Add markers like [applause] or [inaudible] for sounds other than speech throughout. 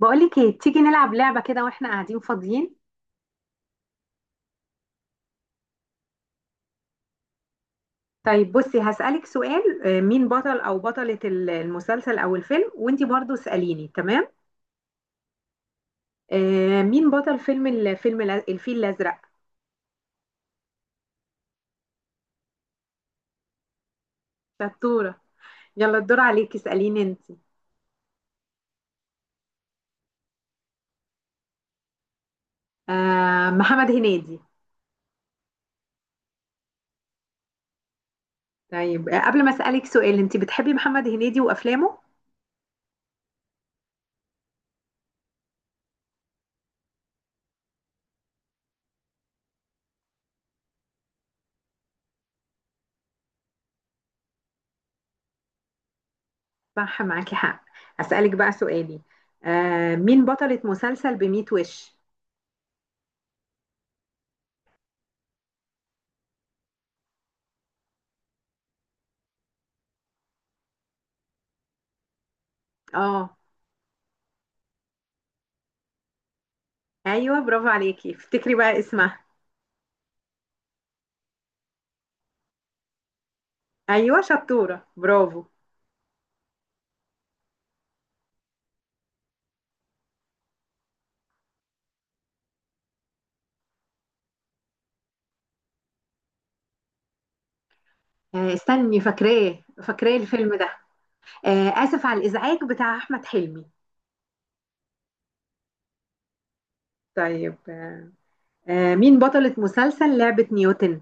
بقولك ايه؟ تيجي نلعب لعبة كده واحنا قاعدين فاضيين. طيب بصي، هسألك سؤال. مين بطل او بطلة المسلسل او الفيلم، وانتي برضو اسأليني، تمام؟ مين بطل فيلم الفيل الازرق؟ شطورة. يلا الدور عليكي، اسأليني انتي. محمد هنيدي. طيب، قبل ما اسألك سؤال، انتي بتحبي محمد هنيدي وافلامه؟ صح، معاكي حق. اسألك بقى سؤالي. مين بطلة مسلسل بميت وش؟ اه. ايوه، برافو عليكي، افتكري بقى اسمها. ايوه شطوره، برافو. استني، فاكراه الفيلم ده. اسف على الازعاج، بتاع احمد حلمي. طيب، مين بطلة مسلسل لعبة نيوتن؟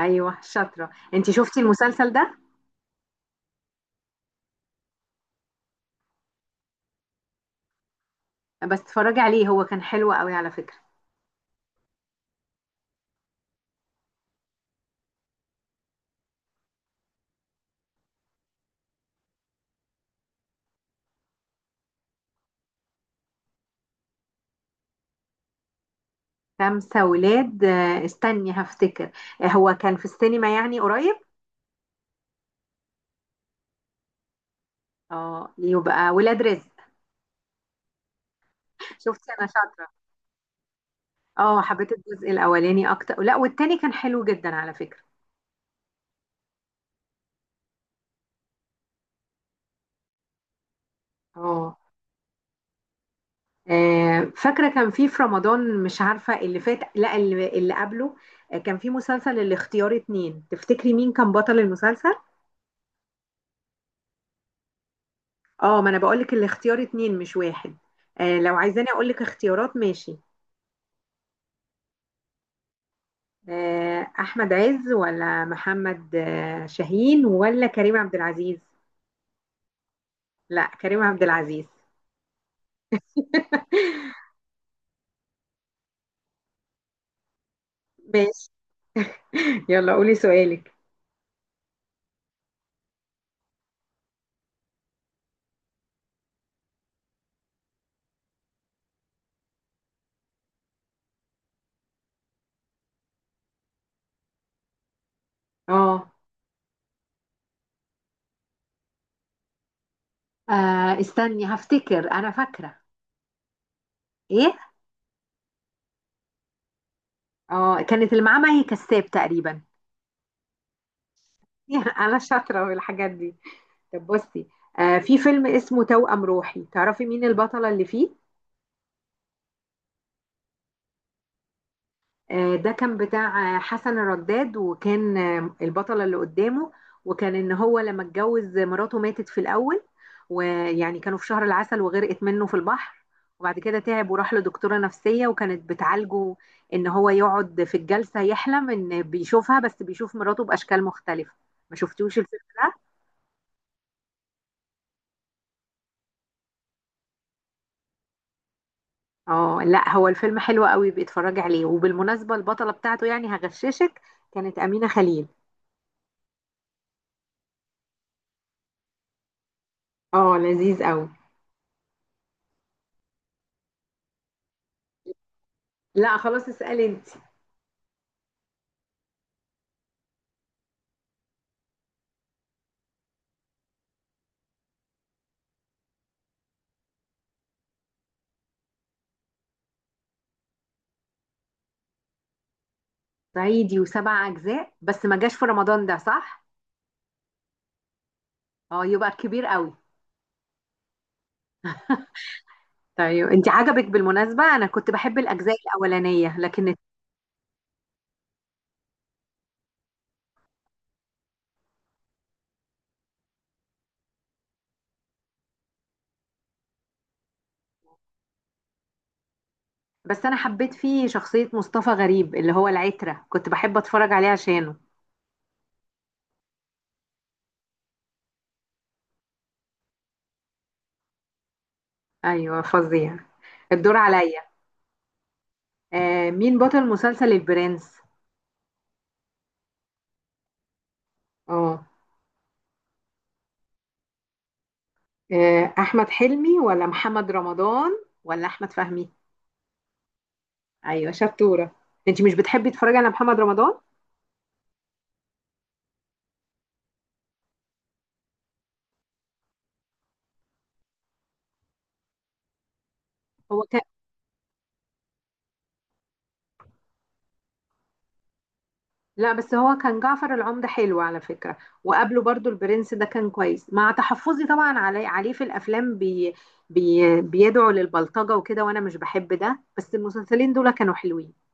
ايوه شاطره. انت شفتي المسلسل ده؟ بس اتفرجي عليه، هو كان حلو قوي على فكره. خمسه ولاد، استني هفتكر. هو كان في السينما يعني قريب. اه، يبقى ولاد رزق. شفتي انا شاطره. اه، حبيت الجزء الاولاني اكتر، لا، والتاني كان حلو جدا على فكره. اه. فاكرة كان في رمضان، مش عارفة اللي فات لا اللي قبله. كان في مسلسل الاختيار اتنين، تفتكري مين كان بطل المسلسل؟ اه، ما انا بقولك الاختيار اتنين مش واحد. لو عايزاني اقولك اختيارات ماشي. احمد عز ولا محمد شاهين ولا كريم عبد العزيز؟ لا، كريم عبد العزيز. [laughs] ماشي. يلا قولي سؤالك. اه. استني هفتكر، انا فاكرة. ايه؟ اه، كانت اللي معاه مي كساب تقريبا. [laughs] انا شاطره في الحاجات دي. طب بصي، آه، في فيلم اسمه توأم روحي، تعرفي مين البطله اللي فيه؟ آه، ده كان بتاع حسن الرداد، وكان آه البطله اللي قدامه، وكان ان هو لما اتجوز، مراته ماتت في الاول، ويعني كانوا في شهر العسل وغرقت منه في البحر. وبعد كده تعب وراح لدكتوره نفسيه وكانت بتعالجه، ان هو يقعد في الجلسه يحلم ان بيشوفها، بس بيشوف مراته باشكال مختلفه. ما شفتوش الفيلم؟ اه، لا، هو الفيلم حلو قوي، بيتفرج عليه، وبالمناسبة البطلة بتاعته، يعني هغششك، كانت أمينة خليل. اه، لذيذ قوي. لا خلاص، اسألي انت. صعيدي وسبع أجزاء، بس ما جاش في رمضان ده، صح؟ اه، يبقى كبير قوي. طيب انت عجبك؟ بالمناسبة أنا كنت بحب الأجزاء الأولانية، لكن بس أنا حبيت فيه شخصية مصطفى غريب اللي هو العترة، كنت بحب أتفرج عليه عشانه. أيوه، فظيع. الدور عليا. آه، مين بطل مسلسل البرنس؟ اه. احمد حلمي ولا محمد رمضان ولا احمد فهمي؟ ايوه شطوره. انت مش بتحبي تتفرجي على محمد رمضان؟ هو كان، لا، بس هو كان جعفر العمدة حلو على فكره، وقبله برضو البرنس ده كان كويس، مع تحفظي طبعا علي عليه في الافلام، بيدعو للبلطجه وكده وانا مش بحب ده، بس المسلسلين دول كانوا حلوين.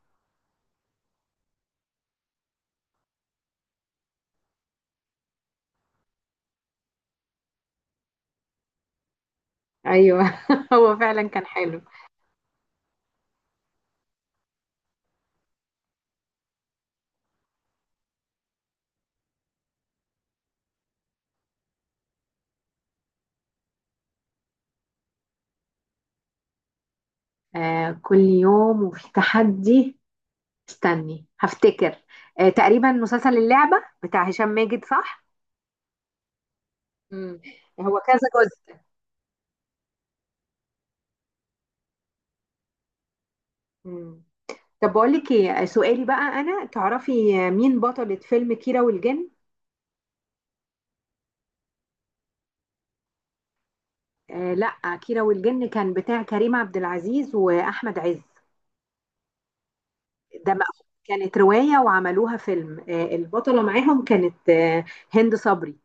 ايوه، [laughs] هو فعلا كان حلو. آه، كل يوم وفي تحدي، استني هفتكر. آه، تقريبا مسلسل اللعبه بتاع هشام ماجد، صح؟ مم. هو كذا جزء؟ مم. طب بقول لك ايه سؤالي بقى، انا تعرفي مين بطلة فيلم كيرة والجن؟ آه، لا، كيرة والجن كان بتاع كريم عبد العزيز واحمد عز. كانت رواية وعملوها فيلم، آه البطلة معاهم كانت آه هند صبري.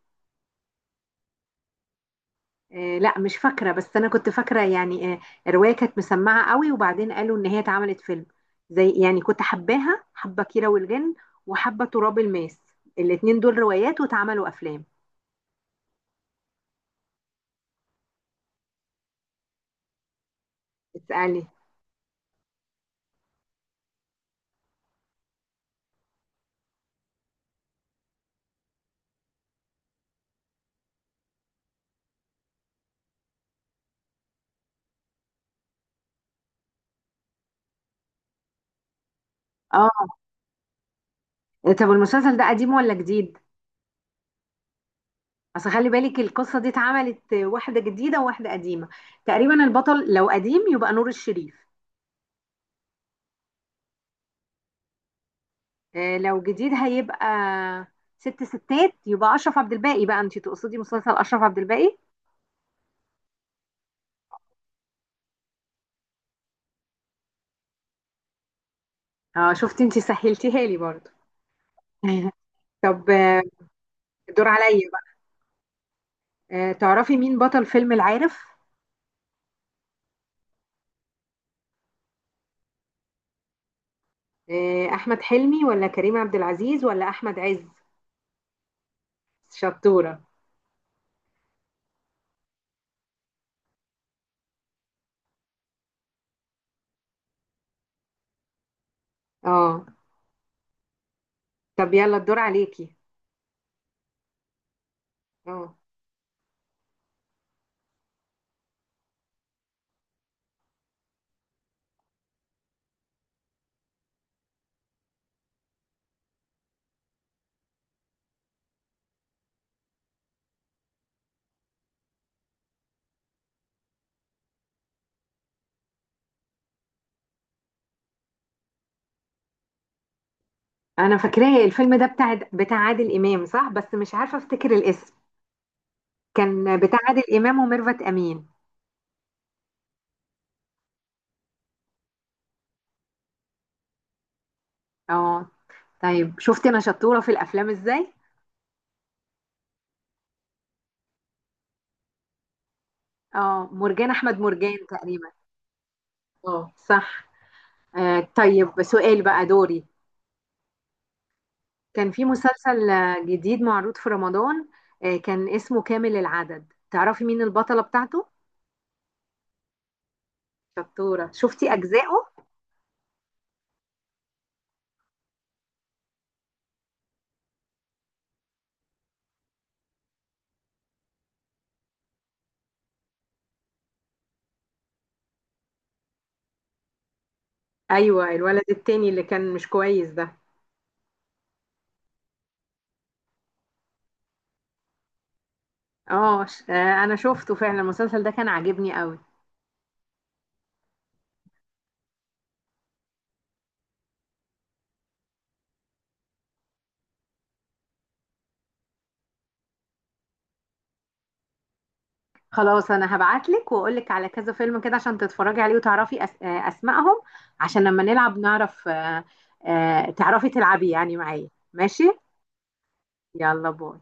آه، لا، مش فاكرة، بس انا كنت فاكرة يعني آه، الرواية كانت مسمعة قوي، وبعدين قالوا ان هي اتعملت فيلم. زي يعني كنت حباها، حبة كيرة والجن وحبة تراب الماس، الاتنين دول روايات واتعملوا افلام. اسألي. اه. إيه، طب المسلسل ده قديم ولا جديد؟ اصل خلي بالك، القصة دي اتعملت واحدة جديدة وواحدة قديمة. تقريبا البطل لو قديم يبقى نور الشريف. لو جديد هيبقى ست ستات، يبقى اشرف عبد الباقي. بقى انت تقصدي مسلسل اشرف عبد الباقي؟ اه، شفتي انت سهلتيها لي برضه. [laughs] طب آه، الدور عليا بقى. تعرفي مين بطل فيلم العارف؟ احمد حلمي ولا كريم عبد العزيز ولا احمد عز؟ شطورة. اه، طب يلا الدور عليكي. اه، انا فاكراه الفيلم ده، بتاع عادل امام، صح، بس مش عارفه افتكر الاسم. كان بتاع عادل امام وميرفت امين. اه. طيب شفت انا شطوره في الافلام ازاي. اه، مرجان احمد مرجان تقريبا. اه صح. آه طيب سؤال بقى دوري. كان في مسلسل جديد معروض في رمضان، آه كان اسمه كامل العدد، تعرفي مين البطله بتاعته؟ شطوره. شفتي اجزائه؟ ايوه، الولد التاني اللي كان مش كويس ده. اه انا شفته فعلا، المسلسل ده كان عاجبني قوي. خلاص، انا هبعتلك واقولك على كذا فيلم كده، عشان تتفرجي عليه وتعرفي أس... آه، اسمائهم، عشان لما نلعب نعرف تعرفي تلعبي يعني معايا، ماشي؟ يلا باي.